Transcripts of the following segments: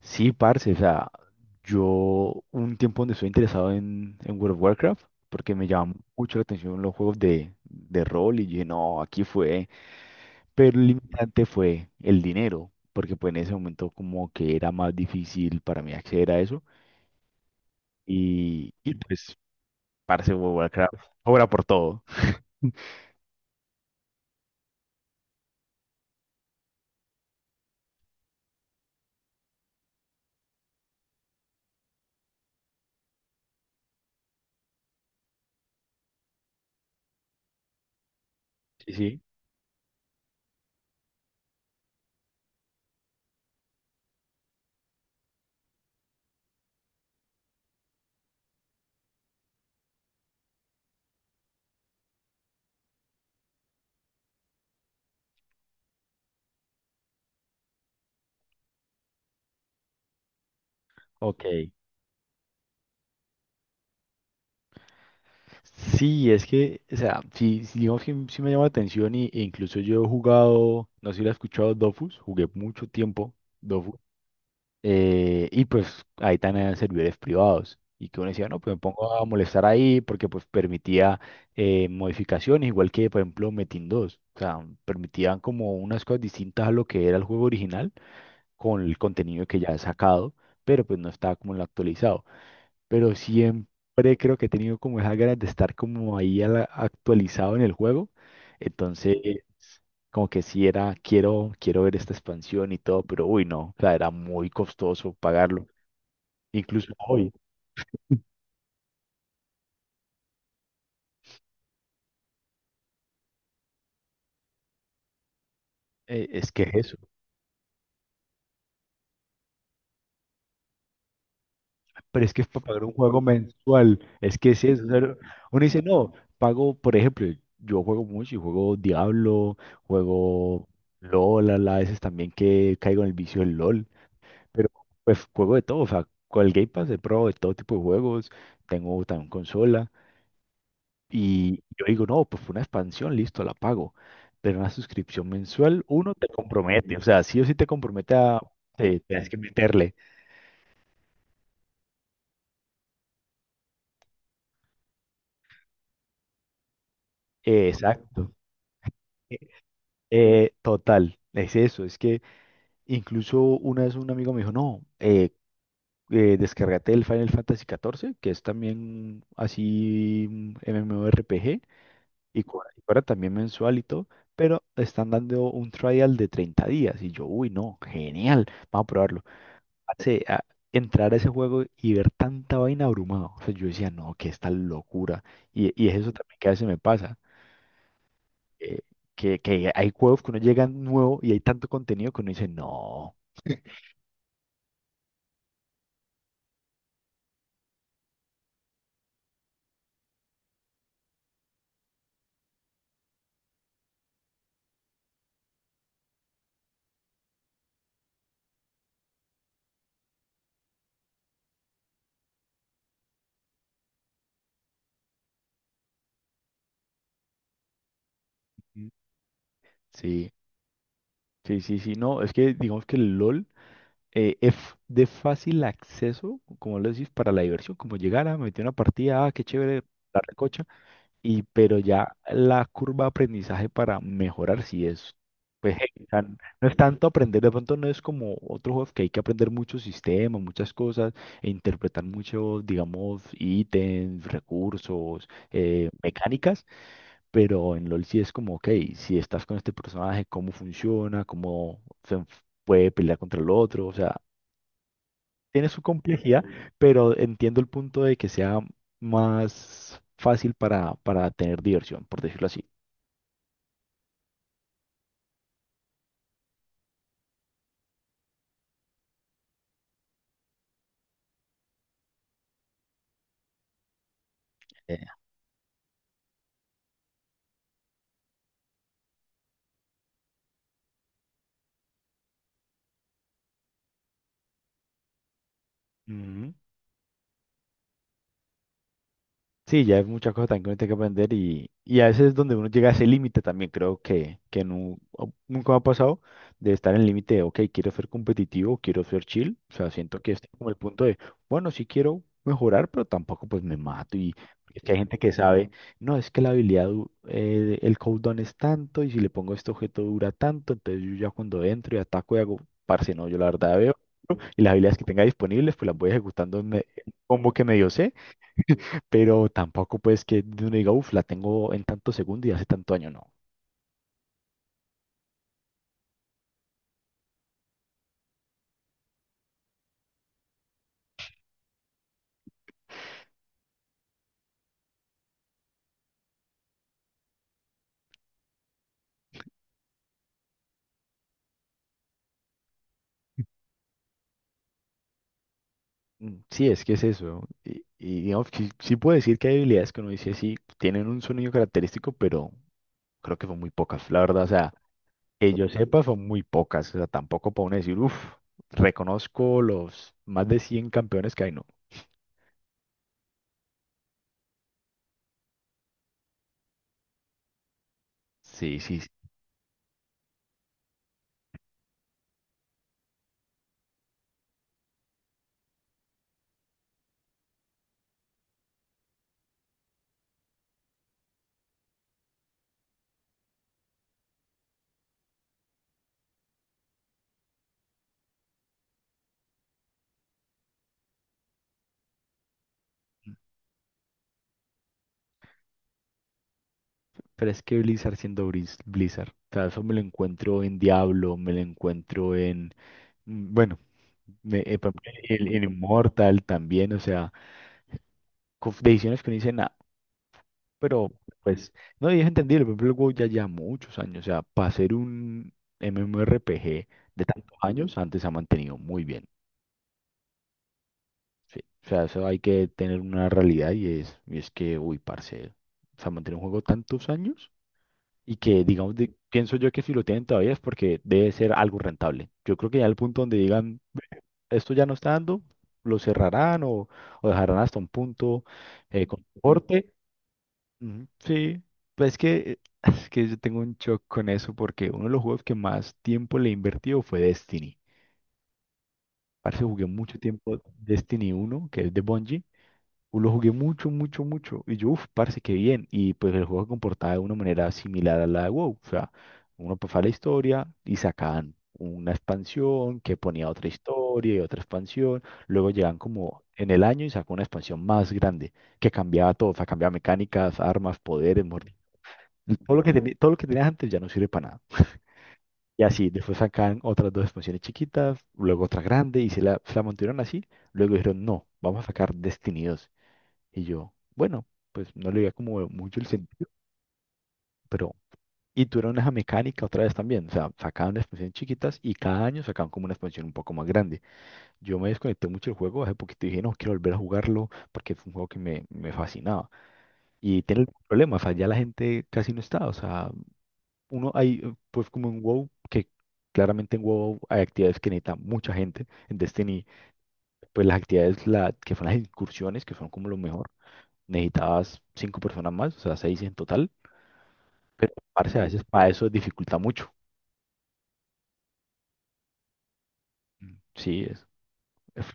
Sí, parce, o sea, yo un tiempo donde estoy interesado en World of Warcraft, porque me llama mucho la atención los juegos de rol, y dije, no, aquí fue, pero el limitante fue el dinero, porque pues en ese momento como que era más difícil para mí acceder a eso, y pues, parce, World of Warcraft, obra por todo. Sí, sí, ok. Sí, es que, o sea, sí, sí, digamos que sí me llama la atención y, e incluso yo he jugado, no sé si lo has escuchado, Dofus, jugué mucho tiempo Dofus, y pues ahí también eran servidores privados, y que uno decía, no, pues me pongo a molestar ahí porque pues permitía modificaciones, igual que por ejemplo Metin 2, o sea, permitían como unas cosas distintas a lo que era el juego original con el contenido que ya he sacado, pero pues no estaba como en lo actualizado, pero siempre creo que he tenido como esa ganas de estar como ahí a actualizado en el juego. Entonces, como que sí era, quiero, quiero ver esta expansión y todo, pero uy, no, o sea, era muy costoso pagarlo. Incluso hoy, es que es eso. Pero es que es para pagar un juego mensual, es que sí, es eso. O sea, uno dice, no, pago, por ejemplo, yo juego mucho y juego Diablo, juego LOL, a a veces también que caigo en el vicio del LOL. Pero pues juego de todo, o sea, con el Game Pass de Pro de todo tipo de juegos, tengo también consola y yo digo, no, pues fue una expansión, listo, la pago. Pero una suscripción mensual, uno te compromete, o sea, sí o sí te compromete a, tienes que meterle. Exacto. Eh, total, es eso, es que incluso una vez un amigo me dijo, no, descárgate el Final Fantasy XIV, que es también así MMORPG y cobra también mensual y todo, pero están dando un trial de 30 días. Y yo, uy, no, genial, vamos a probarlo. Hace, a- entrar a ese juego y ver tanta vaina abrumado. O sea, yo decía, no, que esta locura. Y es eso también que a veces me pasa. eh, que hay juegos que uno llega nuevo y hay tanto contenido que uno dice, no. Mm. Sí, sí, sí, sí, no. Es que digamos que el LOL es de fácil acceso, como lo decís, para la diversión. Como llegar a meter una partida, ah, qué chévere, la recocha. Y pero ya la curva de aprendizaje para mejorar sí es, pues, heavy, o sea, no es tanto aprender, de pronto no es como otro juego que hay que aprender muchos sistemas, muchas cosas, e interpretar muchos, digamos, ítems, recursos, mecánicas, pero en LOL sí es como, ok, si estás con este personaje, cómo funciona, cómo se puede pelear contra el otro, o sea, tiene su complejidad, pero entiendo el punto de que sea más fácil para tener diversión, por decirlo así. Eh, Ujú. Sí, ya hay muchas cosas también que uno tiene que aprender y a veces es donde uno llega a ese límite también, creo que nunca me ha pasado de estar en el límite de, ok, quiero ser competitivo, quiero ser chill, o sea, siento que este es como el punto de, bueno, sí quiero mejorar, pero tampoco pues me mato y es que hay gente que sabe, no, es que la habilidad, el cooldown es tanto y si le pongo este objeto dura tanto, entonces yo ya cuando entro y ataco y hago, parce, no, yo la verdad veo y las habilidades que tenga disponibles pues las voy ejecutando en en combo que me dio, pero tampoco pues que uno diga, uff, la tengo en tanto segundo y hace tanto año, no. Mm, sí, es que es eso. Y digamos, que sí, sí puedo decir que hay habilidades que uno dice, sí, tienen un sonido característico, pero creo que son muy pocas, la verdad. O sea, que yo sepa, son muy pocas. O sea, tampoco puedo decir, uff, reconozco los más de 100 campeones que hay, no. Sí, sí, sí. Pero es que Blizzard siendo Blizzard, o sea, eso me lo encuentro en Diablo, me lo encuentro en, mm, bueno, por ejemplo, en Immortal también, o sea, con decisiones que no dicen nada, pero pues, no, y es entendible, por ejemplo, el WoW ya lleva muchos años, o sea, para ser un MMORPG de tantos años, antes se ha mantenido muy bien, sí, o sea, eso hay que tener una realidad y es que, uy, parce, se ha mantenido un juego tantos años y que, digamos, pienso yo que si lo tienen todavía es porque debe ser algo rentable. Yo creo que ya el punto donde digan, esto ya no está dando, lo cerrarán o dejarán hasta un punto con corte. Ujú, sí, pues es que yo tengo un shock con eso porque uno de los juegos que más tiempo le he invertido fue Destiny. Parece que jugué mucho tiempo Destiny uno que es de Bungie. Lo jugué mucho, mucho, mucho. Y yo, uff, parce, qué bien. Y pues el juego se comportaba de una manera similar a la de WoW. O sea, uno pasaba la historia y sacaban una expansión que ponía otra historia y otra expansión. Luego llegaban como en el año y sacó una expansión más grande que cambiaba todo. O sea, cambiaba mecánicas, armas, poderes, mejor dicho. Todo lo que todo lo que tenías antes ya no sirve para nada. Y así, después sacaban otras dos expansiones chiquitas, luego otra grande y se la mantuvieron así. Luego dijeron, no, vamos a sacar Destiny y yo, bueno, pues no le veía como mucho el sentido, pero... Y tuvieron esa mecánica otra vez también, o sea, sacaban expansiones chiquitas y cada año sacaban como una expansión un poco más grande. Yo me desconecté mucho del juego, hace poquito y dije, no, quiero volver a jugarlo porque fue un juego que me fascinaba. Y tiene el problema, o sea, ya la gente casi no está, o sea, uno hay, pues como en WoW, que claramente en WoW hay actividades que necesita mucha gente, en Destiny, pues las actividades que son las incursiones, que son como lo mejor, necesitabas 5 personas más, o sea, 6 en total. Pero, parce, a veces para eso dificulta mucho. Mm, sí, es,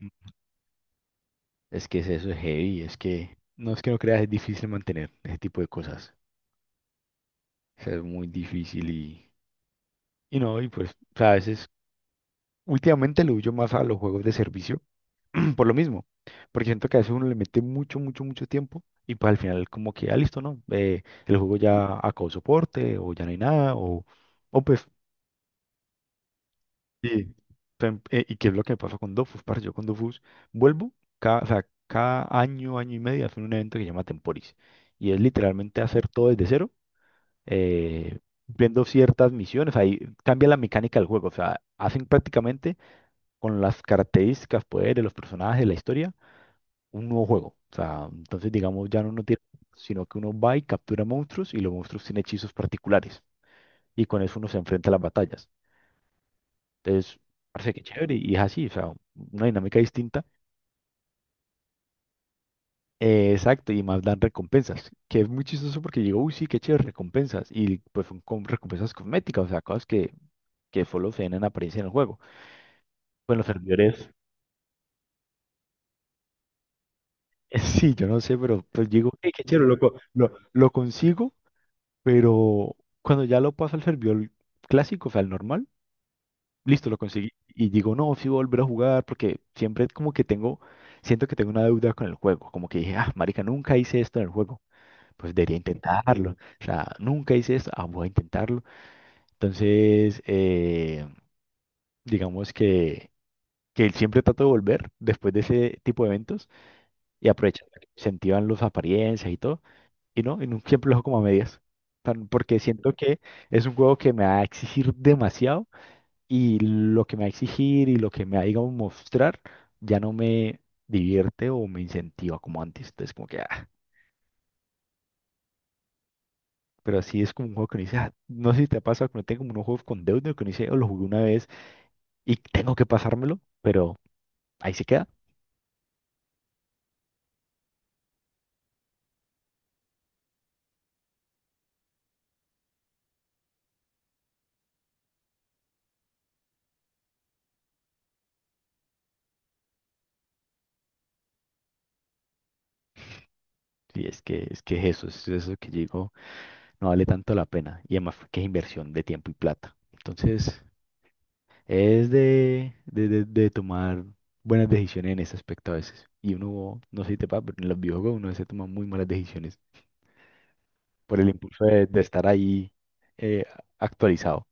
mm, es que es eso, es heavy, es que no creas, es difícil mantener ese tipo de cosas. O sea, es muy difícil y no, y pues, o sea, a veces, últimamente lo huyo más a los juegos de servicio, por lo mismo, porque siento que a veces uno le mete mucho, mucho, mucho tiempo y pues al final como que, ah, listo, ¿no? El juego ya acabó soporte o ya no hay nada o, o pues sí, y qué es lo que me pasó con Dofus, parce. Yo con Dofus vuelvo cada, o sea, cada año, año y medio, hacen un evento que se llama Temporis. Y es literalmente hacer todo desde cero, eh, viendo ciertas misiones. Ahí cambia la mecánica del juego. O sea, hacen prácticamente con las características, poderes, los personajes, la historia, un nuevo juego. O sea, entonces, digamos, ya no uno tiene, sino que uno va y captura monstruos y los monstruos tienen hechizos particulares. Y con eso uno se enfrenta a las batallas. Entonces, parece que chévere y es así, o sea, una dinámica distinta. Exacto, y más dan recompensas, que es muy chistoso porque digo uy, sí, qué chévere, recompensas. Y pues son con recompensas cosméticas, o sea, cosas que solo se ven en apariencia en el juego. Pues los servidores, sí, yo no sé, pero pues digo, "Ey, qué chévere, loco, lo consigo, pero cuando ya lo paso al servidor clásico, o sea, al normal, listo, lo conseguí. Y digo, no, sí, voy a volver a jugar porque siempre como que tengo, siento que tengo una deuda con el juego, como que dije, ah, marica, nunca hice esto en el juego, pues debería intentarlo. O sea, nunca hice esto, ah, voy a intentarlo. Entonces, digamos que siempre trato de volver después de ese tipo de eventos y aprovechar, que incentivan las apariencias y todo, y no siempre lo dejo como a medias. Porque siento que es un juego que me va a exigir demasiado y lo que me va a exigir y lo que me va a, digamos, mostrar ya no me divierte o me incentiva como antes. Entonces, como que, ah, pero sí es como un juego que uno dice, "Ah", no sé si te ha pasado que no tengo como unos juegos con deuda, que uno dice, oh, lo jugué una vez y tengo que pasármelo, pero ahí se queda. Sí, es que, es que es eso que yo digo, no vale tanto la pena. Y además que es inversión de tiempo y plata. Entonces, es de tomar buenas decisiones en ese aspecto a veces. Y uno, no sé si te pasa, pero en los videojuegos uno se toma muy malas decisiones por el impulso de estar ahí eh, actualizado.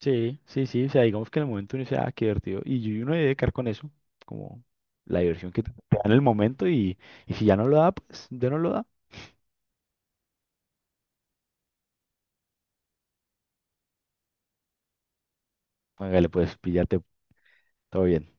Sí, sí, sí, o sea, digamos que en el momento uno dice, ah, qué divertido, y uno debe quedar con eso, como la diversión que te da en el momento, y si ya no lo da, pues ya no lo da, hágale, pues, píllate, todo bien.